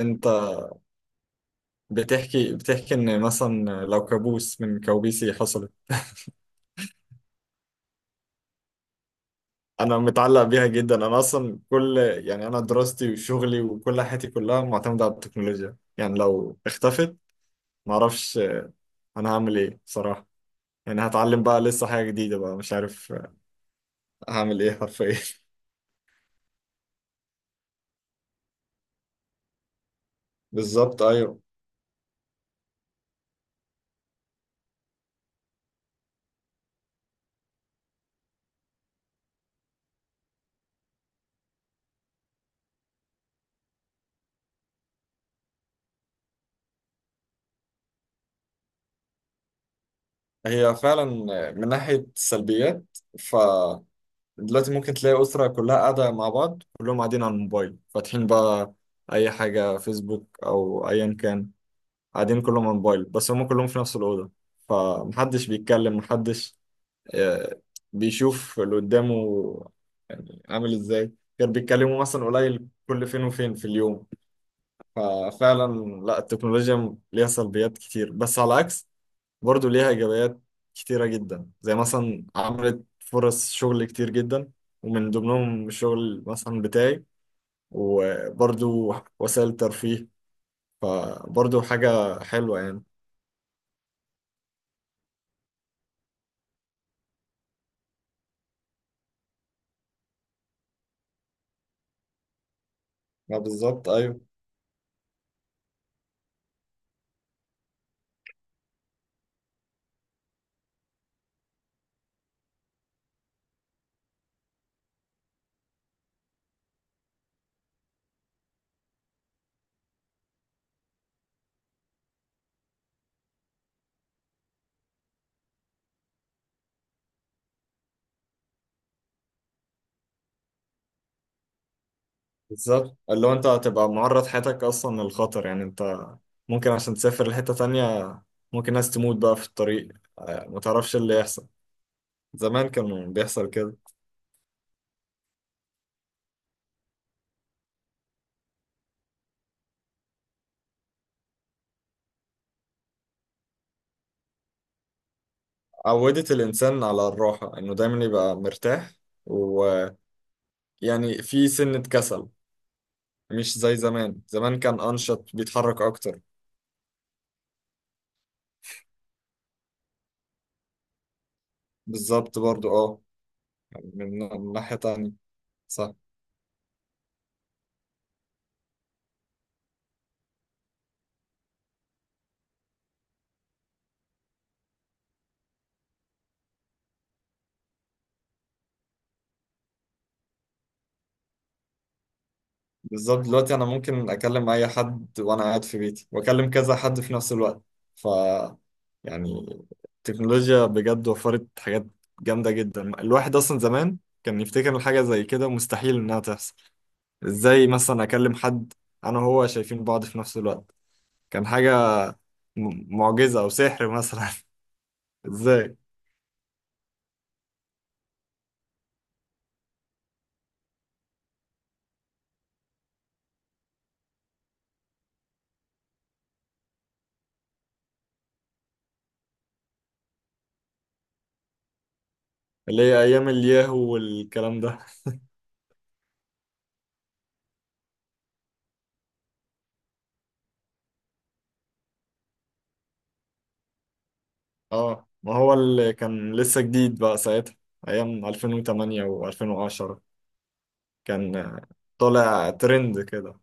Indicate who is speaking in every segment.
Speaker 1: انت بتحكي ان مثلا لو كابوس من كوابيسي حصلت. انا متعلق بيها جدا، انا اصلا كل يعني انا دراستي وشغلي وكل حياتي كلها معتمدة على التكنولوجيا، يعني لو اختفت معرفش انا هعمل ايه صراحة. يعني هتعلم بقى لسه حاجة جديدة بقى، مش عارف هعمل ايه حرفيا. بالظبط ايوه. هي فعلا من ناحية السلبيات، ف دلوقتي ممكن تلاقي أسرة كلها قاعدة مع بعض، كلهم قاعدين على الموبايل فاتحين بقى أي حاجة، فيسبوك أو أيا كان، قاعدين كلهم على الموبايل بس هم كلهم في نفس الأوضة، فمحدش بيتكلم، محدش آه، بيشوف اللي قدامه، يعني عامل إزاي. كانوا بيتكلموا مثلا قليل كل فين وفين في اليوم، ففعلا لا التكنولوجيا ليها سلبيات كتير، بس على عكس برضو ليها إيجابيات كتيرة جدا، زي مثلا عملت فرص شغل كتير جدا ومن ضمنهم الشغل مثلا بتاعي، وبرضو وسائل ترفيه، فبرضو حاجة حلوة يعني. ما بالظبط أيوه. بالظبط، اللي هو أنت هتبقى معرض حياتك أصلا للخطر، يعني أنت ممكن عشان تسافر لحتة تانية ممكن ناس تموت بقى في الطريق. آه، متعرفش اللي يحصل. زمان كان بيحصل كده. عودت الإنسان على الراحة، إنه دايما يبقى مرتاح و... يعني في سنة كسل، مش زي زمان، زمان كان أنشط، بيتحرك أكتر. بالظبط برضو يعني من ناحية تانية، صح. بالظبط، دلوقتي أنا ممكن أكلم أي حد وأنا قاعد في بيتي وأكلم كذا حد في نفس الوقت، ف يعني التكنولوجيا بجد وفرت حاجات جامدة جدا. الواحد أصلا زمان كان يفتكر إن حاجة زي كده مستحيل إنها تحصل، إزاي مثلا أكلم حد أنا وهو شايفين بعض في نفس الوقت، كان حاجة معجزة أو سحر مثلا. إزاي. اللي هي ايام الياهو والكلام ده. اه، ما هو اللي كان لسه جديد بقى ساعتها، ايام 2008 و2010، كان طالع ترند كده.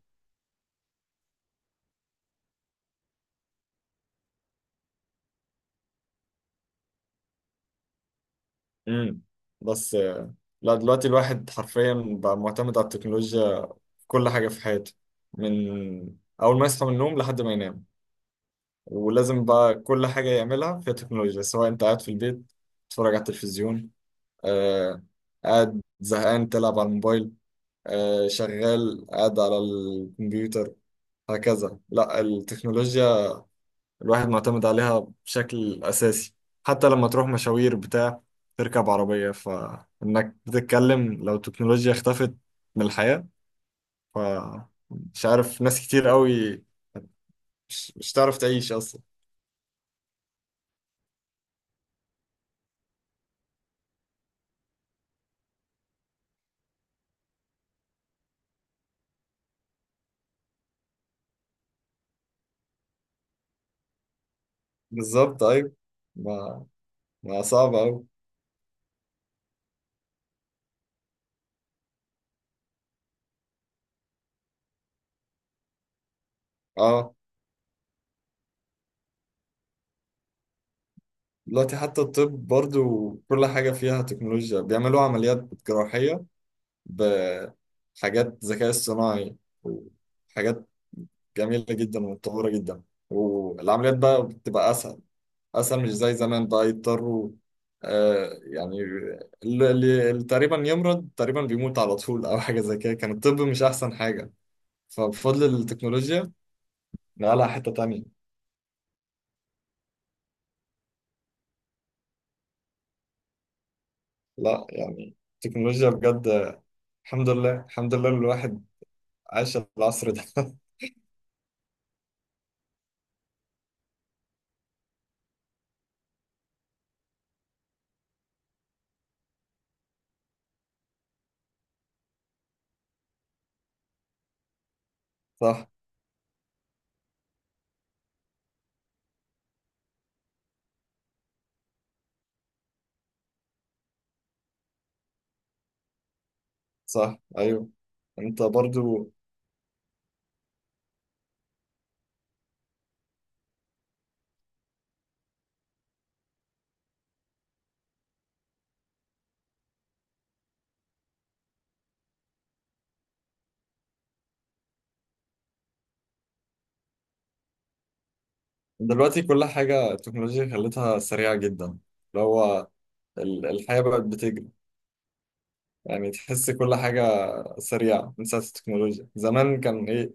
Speaker 1: امم بس لا دلوقتي الواحد حرفيا بقى معتمد على التكنولوجيا في كل حاجة في حياته، من اول ما يصحى من النوم لحد ما ينام. ولازم بقى كل حاجة يعملها فيها تكنولوجيا، سواء انت قاعد في البيت تتفرج على التلفزيون، آه قاعد زهقان تلعب على الموبايل، شغال قاعد على الكمبيوتر، هكذا. لا التكنولوجيا الواحد معتمد عليها بشكل أساسي، حتى لما تروح مشاوير بتاع تركب عربية فإنك بتتكلم. لو التكنولوجيا اختفت من الحياة، فمش عارف، ناس كتير قوي مش تعرف تعيش أصلا. بالظبط أيوة. ما, ما صعب أوي. اه، دلوقتي حتى الطب برضو كل حاجة فيها تكنولوجيا، بيعملوا عمليات جراحية بحاجات ذكاء اصطناعي وحاجات جميلة جدا ومتطورة جدا، والعمليات بقى بتبقى أسهل أسهل، مش زي زمان بقى يضطروا. يعني اللي اللي تقريبا يمرض تقريبا بيموت على طول أو حاجة زي كده، كان الطب مش أحسن حاجة، فبفضل التكنولوجيا نقلها حتة تانية. لا يعني التكنولوجيا بجد، الحمد لله الحمد لله الواحد عاش العصر ده. صح. صح أيوه. انت برضو دلوقتي كل حاجة التكنولوجيا خلتها سريعة جدا، اللي هو الحياة بقت بتجري، يعني تحس كل حاجة سريعة من ساعة التكنولوجيا. زمان كان إيه.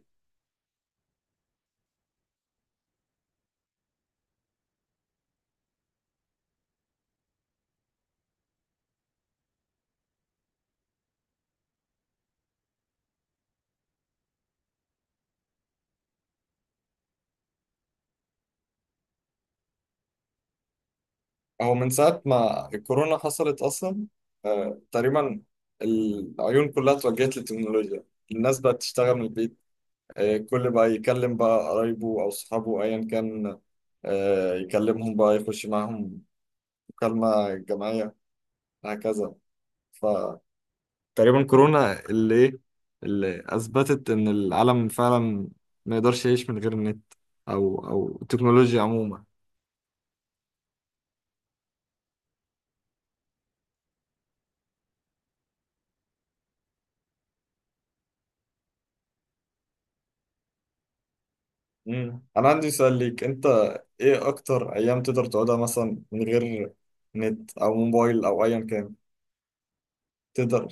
Speaker 1: هو من ساعة ما الكورونا حصلت أصلا، تقريبا العيون كلها اتوجهت للتكنولوجيا، الناس بقت تشتغل من البيت، كل بقى يكلم بقى قرايبه أو صحابه أيا كان، يكلمهم بقى يخش معاهم مكالمة جماعية، هكذا. تقريبا كورونا اللي ايه اللي اثبتت ان العالم فعلا ما يقدرش يعيش من غير النت او التكنولوجيا عموما. مم. انا عندي سؤال ليك انت، ايه اكتر ايام تقدر تقعدها مثلا من غير نت او موبايل او ايا كان؟ تقدر؟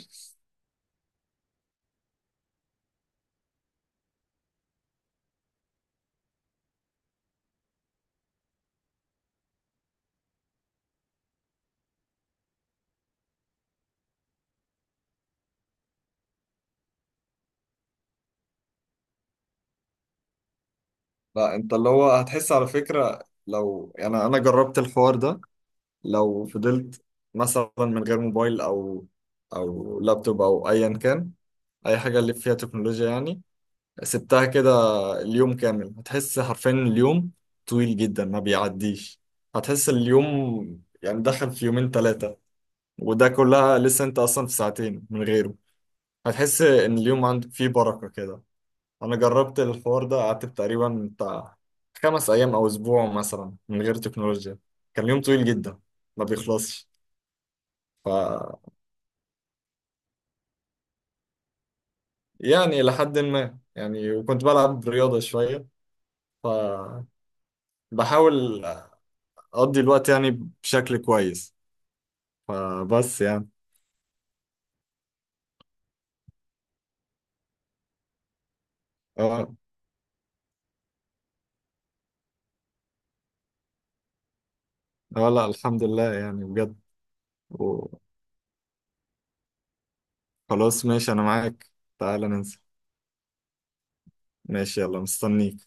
Speaker 1: لا انت اللي هو هتحس على فكرة، لو يعني انا جربت الحوار ده، لو فضلت مثلا من غير موبايل او لابتوب او ايا كان، اي حاجة اللي فيها تكنولوجيا يعني، سبتها كده اليوم كامل، هتحس حرفيا اليوم طويل جدا ما بيعديش. هتحس اليوم يعني دخل في يومين ثلاثة، وده كلها لسه انت اصلا في ساعتين من غيره، هتحس ان اليوم عندك فيه بركة كده. انا جربت الحوار ده، قعدت تقريبا بتاع 5 ايام او اسبوع مثلا من غير تكنولوجيا، كان يوم طويل جدا ما بيخلصش. ف يعني لحد ما يعني، وكنت بلعب رياضة شوية، ف بحاول اقضي الوقت يعني بشكل كويس، فبس يعني. اه اه لا الحمد لله يعني بجد، وخلاص. ماشي انا معاك، تعال ننسى. ماشي، يلا مستنيك.